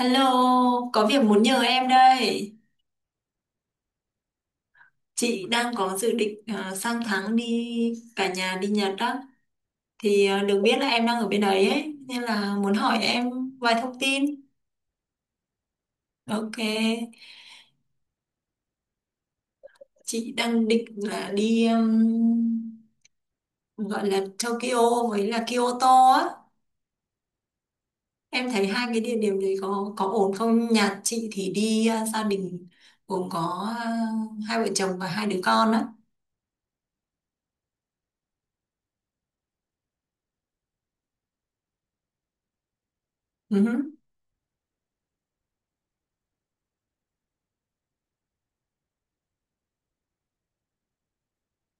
Hello, có việc muốn nhờ em đây. Chị đang có dự định sang tháng đi cả nhà đi Nhật đó. Thì được biết là em đang ở bên đấy ấy, nên là muốn hỏi em vài thông tin. Ok, chị đang định là đi gọi là Tokyo với là Kyoto á. Em thấy hai cái địa điểm đấy có ổn không? Nhà chị thì đi gia đình gồm có hai vợ chồng và hai đứa con á.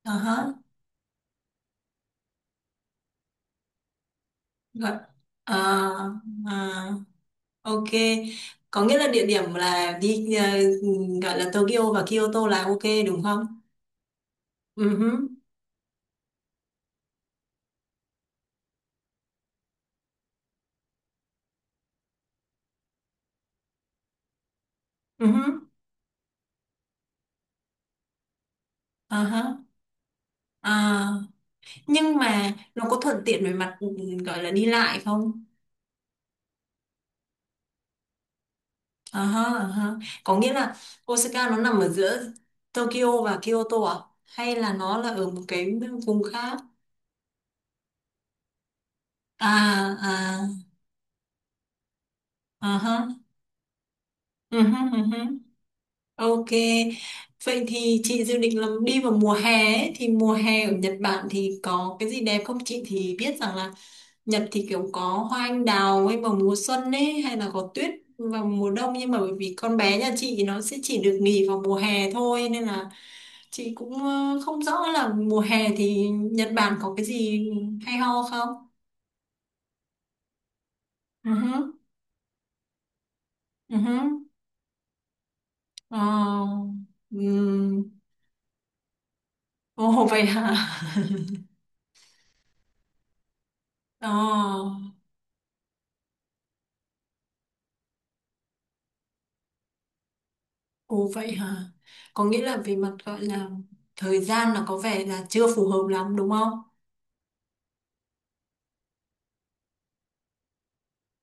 Uh-huh. Vâng. À, à, ok. Có nghĩa là địa điểm là đi gọi là Tokyo và Kyoto là ok đúng không? Ừ huh, ừ huh. À, ha. À, nhưng mà nó có thuận tiện về mặt gọi là đi lại không? À, ha, à, ha. Có nghĩa là Osaka nó nằm ở giữa Tokyo và Kyoto à? Hay là nó là ở một cái vùng khác? À, à, à, ha. Ừ huh. Ok, vậy thì chị dự định là đi vào mùa hè ấy. Thì mùa hè ở Nhật Bản thì có cái gì đẹp không? Chị thì biết rằng là Nhật thì kiểu có hoa anh đào ấy vào mùa xuân ấy hay là có tuyết vào mùa đông nhưng mà bởi vì con bé nhà chị nó sẽ chỉ được nghỉ vào mùa hè thôi nên là chị cũng không rõ là mùa hè thì Nhật Bản có cái gì hay ho không? Ừ hứ, ừ hứ. Ờ, ừm. Ồ vậy hả? Ờ. Ồ vậy hả? Có nghĩa là về mặt gọi là thời gian là có vẻ là chưa phù hợp lắm đúng không?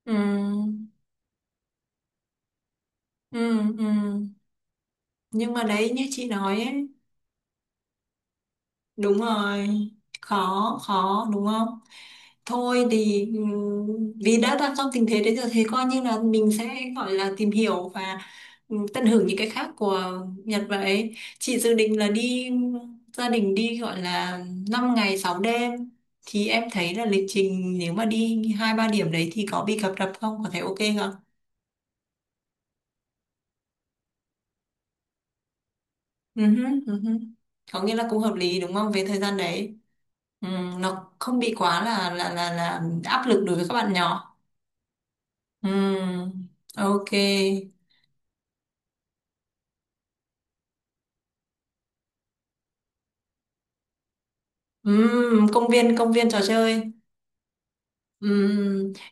Ừ, ừ, ừ. Nhưng mà đấy như chị nói ấy, đúng rồi, khó khó đúng không, thôi thì vì đã đang trong tình thế đấy rồi thì coi như là mình sẽ gọi là tìm hiểu và tận hưởng những cái khác của Nhật. Vậy chị dự định là đi gia đình đi gọi là 5 ngày 6 đêm thì em thấy là lịch trình nếu mà đi hai ba điểm đấy thì có bị cập rập không, có thể ok không? Ừ hứ, ừ hứ. Có nghĩa là cũng hợp lý đúng không về thời gian đấy. Ừ, nó không bị quá là áp lực đối với các bạn nhỏ. Ừ, ok. Ừ, công viên trò chơi. Ừ,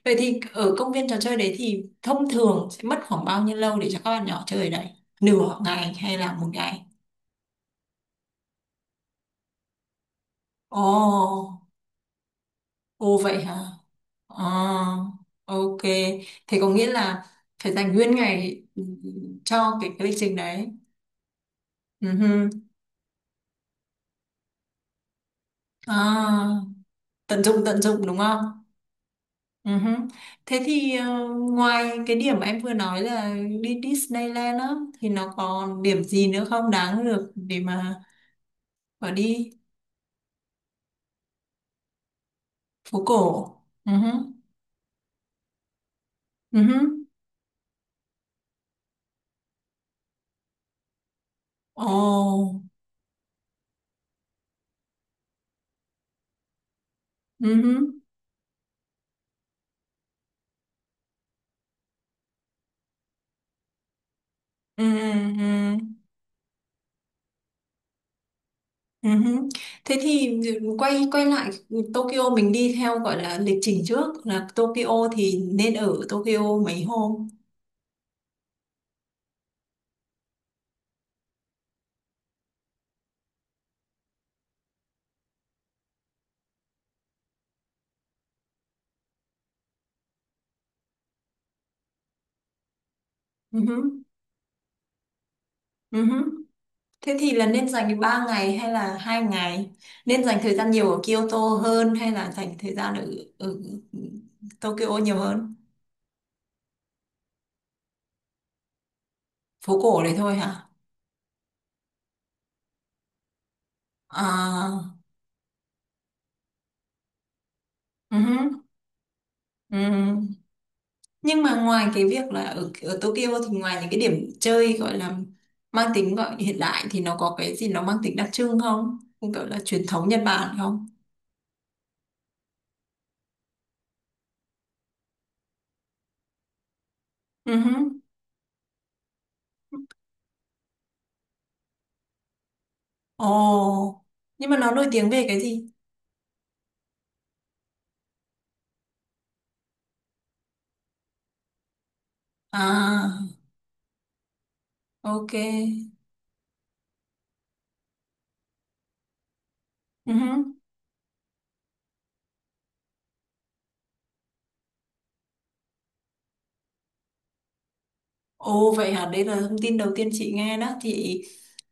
vậy thì ở công viên trò chơi đấy thì thông thường sẽ mất khoảng bao nhiêu lâu để cho các bạn nhỏ chơi đấy? Nửa ngày hay là một ngày? Ồ, ồ vậy hả? Ờ, ok. Thế có nghĩa là phải dành nguyên ngày cho cái lịch trình đấy. Ừ, hừ. À, tận dụng đúng không? Ừ hứ. Thế thì ngoài cái điểm mà em vừa nói là đi Disneyland á thì nó còn điểm gì nữa không, đáng được để mà bỏ đi phố cổ? Ừ hứ. Ừ hứ. Ồ. Ừ hứ. Ừ ừ ừ. Ừ hứ. Thế thì quay quay lại Tokyo mình đi theo gọi là lịch trình trước là Tokyo thì nên ở Tokyo mấy hôm. Ừ hứ. Ừ hứ. Thế thì là nên dành 3 ngày hay là 2 ngày? Nên dành thời gian nhiều ở Kyoto hơn hay là dành thời gian ở Tokyo nhiều hơn? Phố cổ đấy thôi hả? À, ừm, ừm. Nhưng mà ngoài cái việc là ở Tokyo thì ngoài những cái điểm chơi gọi là mang tính gọi hiện đại thì nó có cái gì nó mang tính đặc trưng không? Cũng gọi là truyền thống Nhật Bản không? Ừ uh. Ồ, nhưng mà nó nổi tiếng về cái gì? À, ok. Ừ uh. Ồ vậy hả, đấy là thông tin đầu tiên chị nghe đó. Chị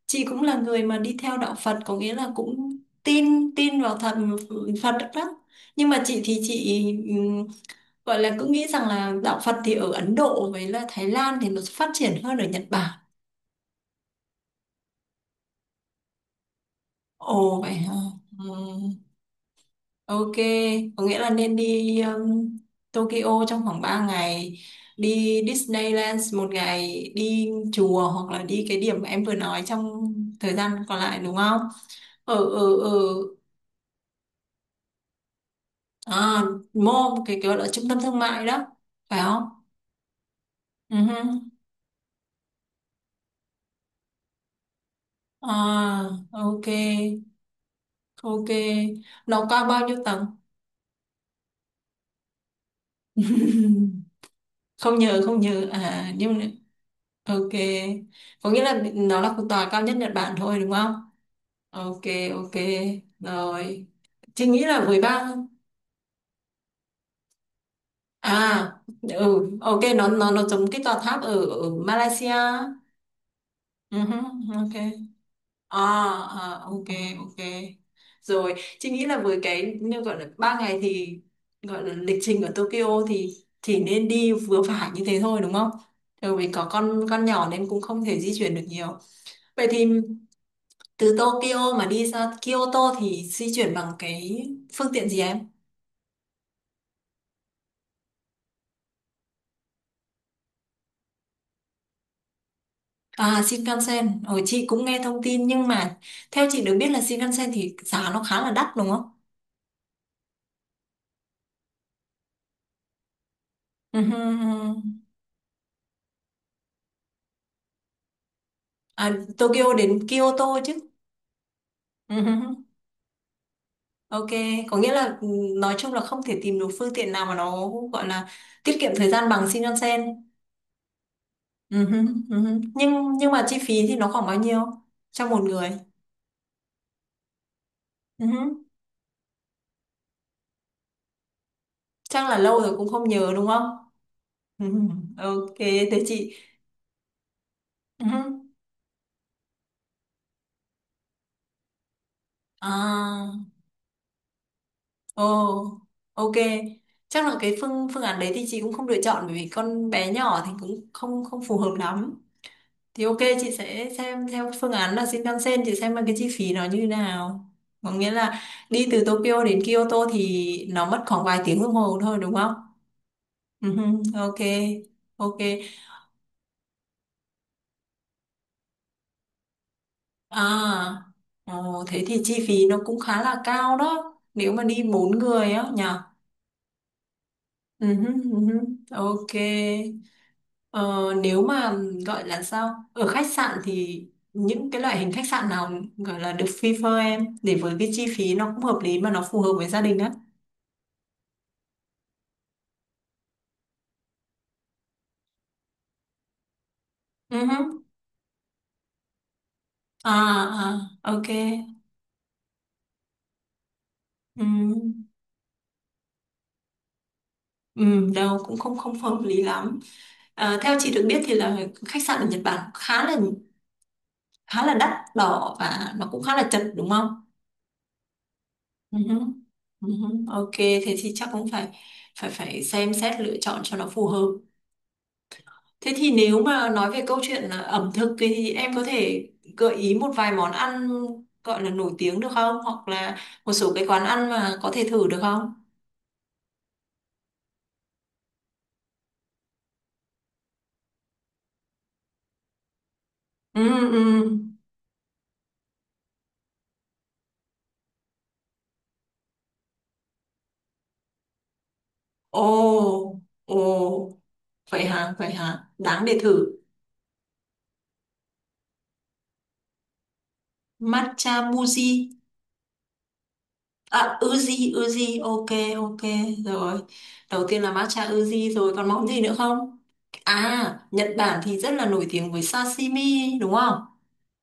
chị cũng là người mà đi theo đạo Phật, có nghĩa là cũng tin tin vào thần Phật đó. Nhưng mà chị ừm, gọi là cứ nghĩ rằng là đạo Phật thì ở Ấn Độ với là Thái Lan thì nó phát triển hơn ở Nhật Bản. Ồ vậy hả? Ừ. Ok, có nghĩa là nên đi Tokyo trong khoảng 3 ngày, đi Disneyland một ngày, đi chùa hoặc là đi cái điểm mà em vừa nói trong thời gian còn lại đúng không? Ở ở ở à, mall, cái gọi là trung tâm thương mại đó, phải không? Ừ hứ. À, ok, ok. Nó cao bao nhiêu tầng? Không nhớ à nhưng mà ok, có nghĩa là nó là cái tòa cao nhất Nhật Bản thôi đúng không? Ok, ok rồi, chị nghĩ là 13. À, ừ, ok, nó giống cái tòa tháp ở Malaysia. Ừ, hứ, ok. À, à, ok, ok rồi, chị nghĩ là với cái như gọi là ba ngày thì gọi là lịch trình ở Tokyo thì chỉ nên đi vừa phải như thế thôi đúng không, bởi vì có con nhỏ nên cũng không thể di chuyển được nhiều. Vậy thì từ Tokyo mà đi ra Kyoto thì di chuyển bằng cái phương tiện gì em? À, Shinkansen. Ồ, chị cũng nghe thông tin nhưng mà theo chị được biết là Shinkansen thì giá nó khá là đắt đúng không? Ừ, hừ, hừ. À, Tokyo đến Kyoto chứ. Ừ, hừ, hừ. Ok, có nghĩa là nói chung là không thể tìm được phương tiện nào mà nó gọi là tiết kiệm thời gian bằng Shinkansen. Ừ, hừ, ừ, hừ. Nhưng mà chi phí thì nó khoảng bao nhiêu cho một người? Ừ, hừ. Chắc là lâu rồi cũng không nhớ đúng không? Ừ, hừ. Ok, thế chị. Ừ, hừ. À. Ồ, ok. Chắc là cái phương phương án đấy thì chị cũng không lựa chọn bởi vì con bé nhỏ thì cũng không không phù hợp lắm. Thì ok, chị sẽ xem theo phương án là Shinkansen, chị xem là cái chi phí nó như thế nào. Có nghĩa là đi từ Tokyo đến Kyoto thì nó mất khoảng vài tiếng đồng hồ thôi đúng không? Ừ, ok. Ok. À, ồ, thế thì chi phí nó cũng khá là cao đó. Nếu mà đi bốn người á nhỉ? Ừ, ừ, ok. Ờ, nếu mà gọi là sao ở khách sạn thì những cái loại hình khách sạn nào gọi là được prefer em để với cái chi phí nó cũng hợp lý mà nó phù hợp với gia đình á? Ừ hứ. À, à ok. Ừ, ừ, đâu cũng không không hợp lý lắm. Ờ, theo chị được biết thì là khách sạn ở Nhật Bản khá là đắt đỏ và nó cũng khá là chật đúng không? Ừ hứ. Ừ hứ. Ok thế thì chắc cũng phải phải phải xem xét lựa chọn cho nó phù hợp. Thế thì nếu mà nói về câu chuyện là ẩm thực thì em có thể gợi ý một vài món ăn gọi là nổi tiếng được không? Hoặc là một số cái quán ăn mà có thể thử được không? Ừ, ừ. Ồ, ồ, vậy hả, vậy hả? Đáng để thử. Matcha muji. À, Uzi, Uzi, ok, ok, rồi. Đầu tiên là matcha Uzi rồi, còn món gì nữa không? À, Nhật Bản thì rất là nổi tiếng với sashimi, đúng không?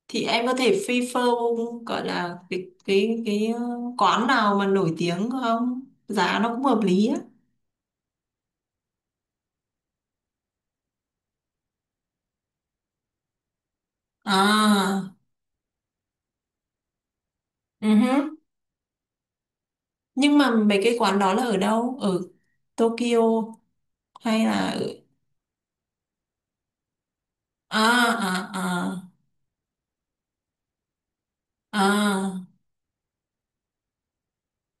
Thì em có thể prefer gọi là cái ờ, quán nào mà nổi tiếng không? Giá nó cũng hợp lý á. À, uh. Nhưng mà mấy cái quán đó là ở đâu? Ở Tokyo hay là ở... À, à, à, à.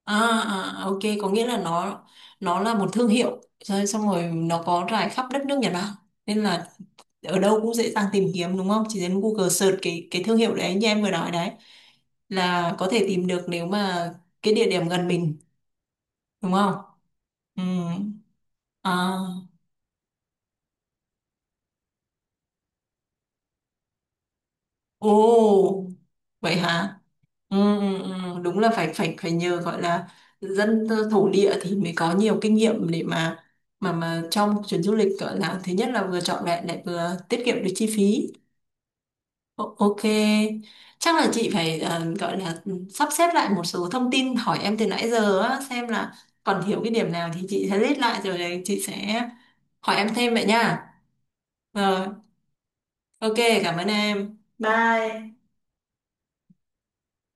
À, à, à, ok, có nghĩa là nó là một thương hiệu rồi, xong rồi nó có rải khắp đất nước Nhật Bản nên là ở đâu cũng dễ dàng tìm kiếm đúng không? Chỉ cần Google search cái thương hiệu đấy như em vừa nói đấy là có thể tìm được nếu mà cái địa điểm gần mình đúng không? Ừ. À, ồ, vậy hả? Ừ, ừ, ừ, đúng là phải phải phải nhờ gọi là dân thổ địa thì mới có nhiều kinh nghiệm để mà mà trong chuyến du lịch gọi là thứ nhất là vừa trọn vẹn lại vừa tiết kiệm được chi phí. Ok, chắc là chị phải gọi là sắp xếp lại một số thông tin hỏi em từ nãy giờ á, xem là còn thiếu cái điểm nào thì chị sẽ list lại rồi đấy, chị sẽ hỏi em thêm vậy nha. Rồi, ok, cảm ơn em. Bye.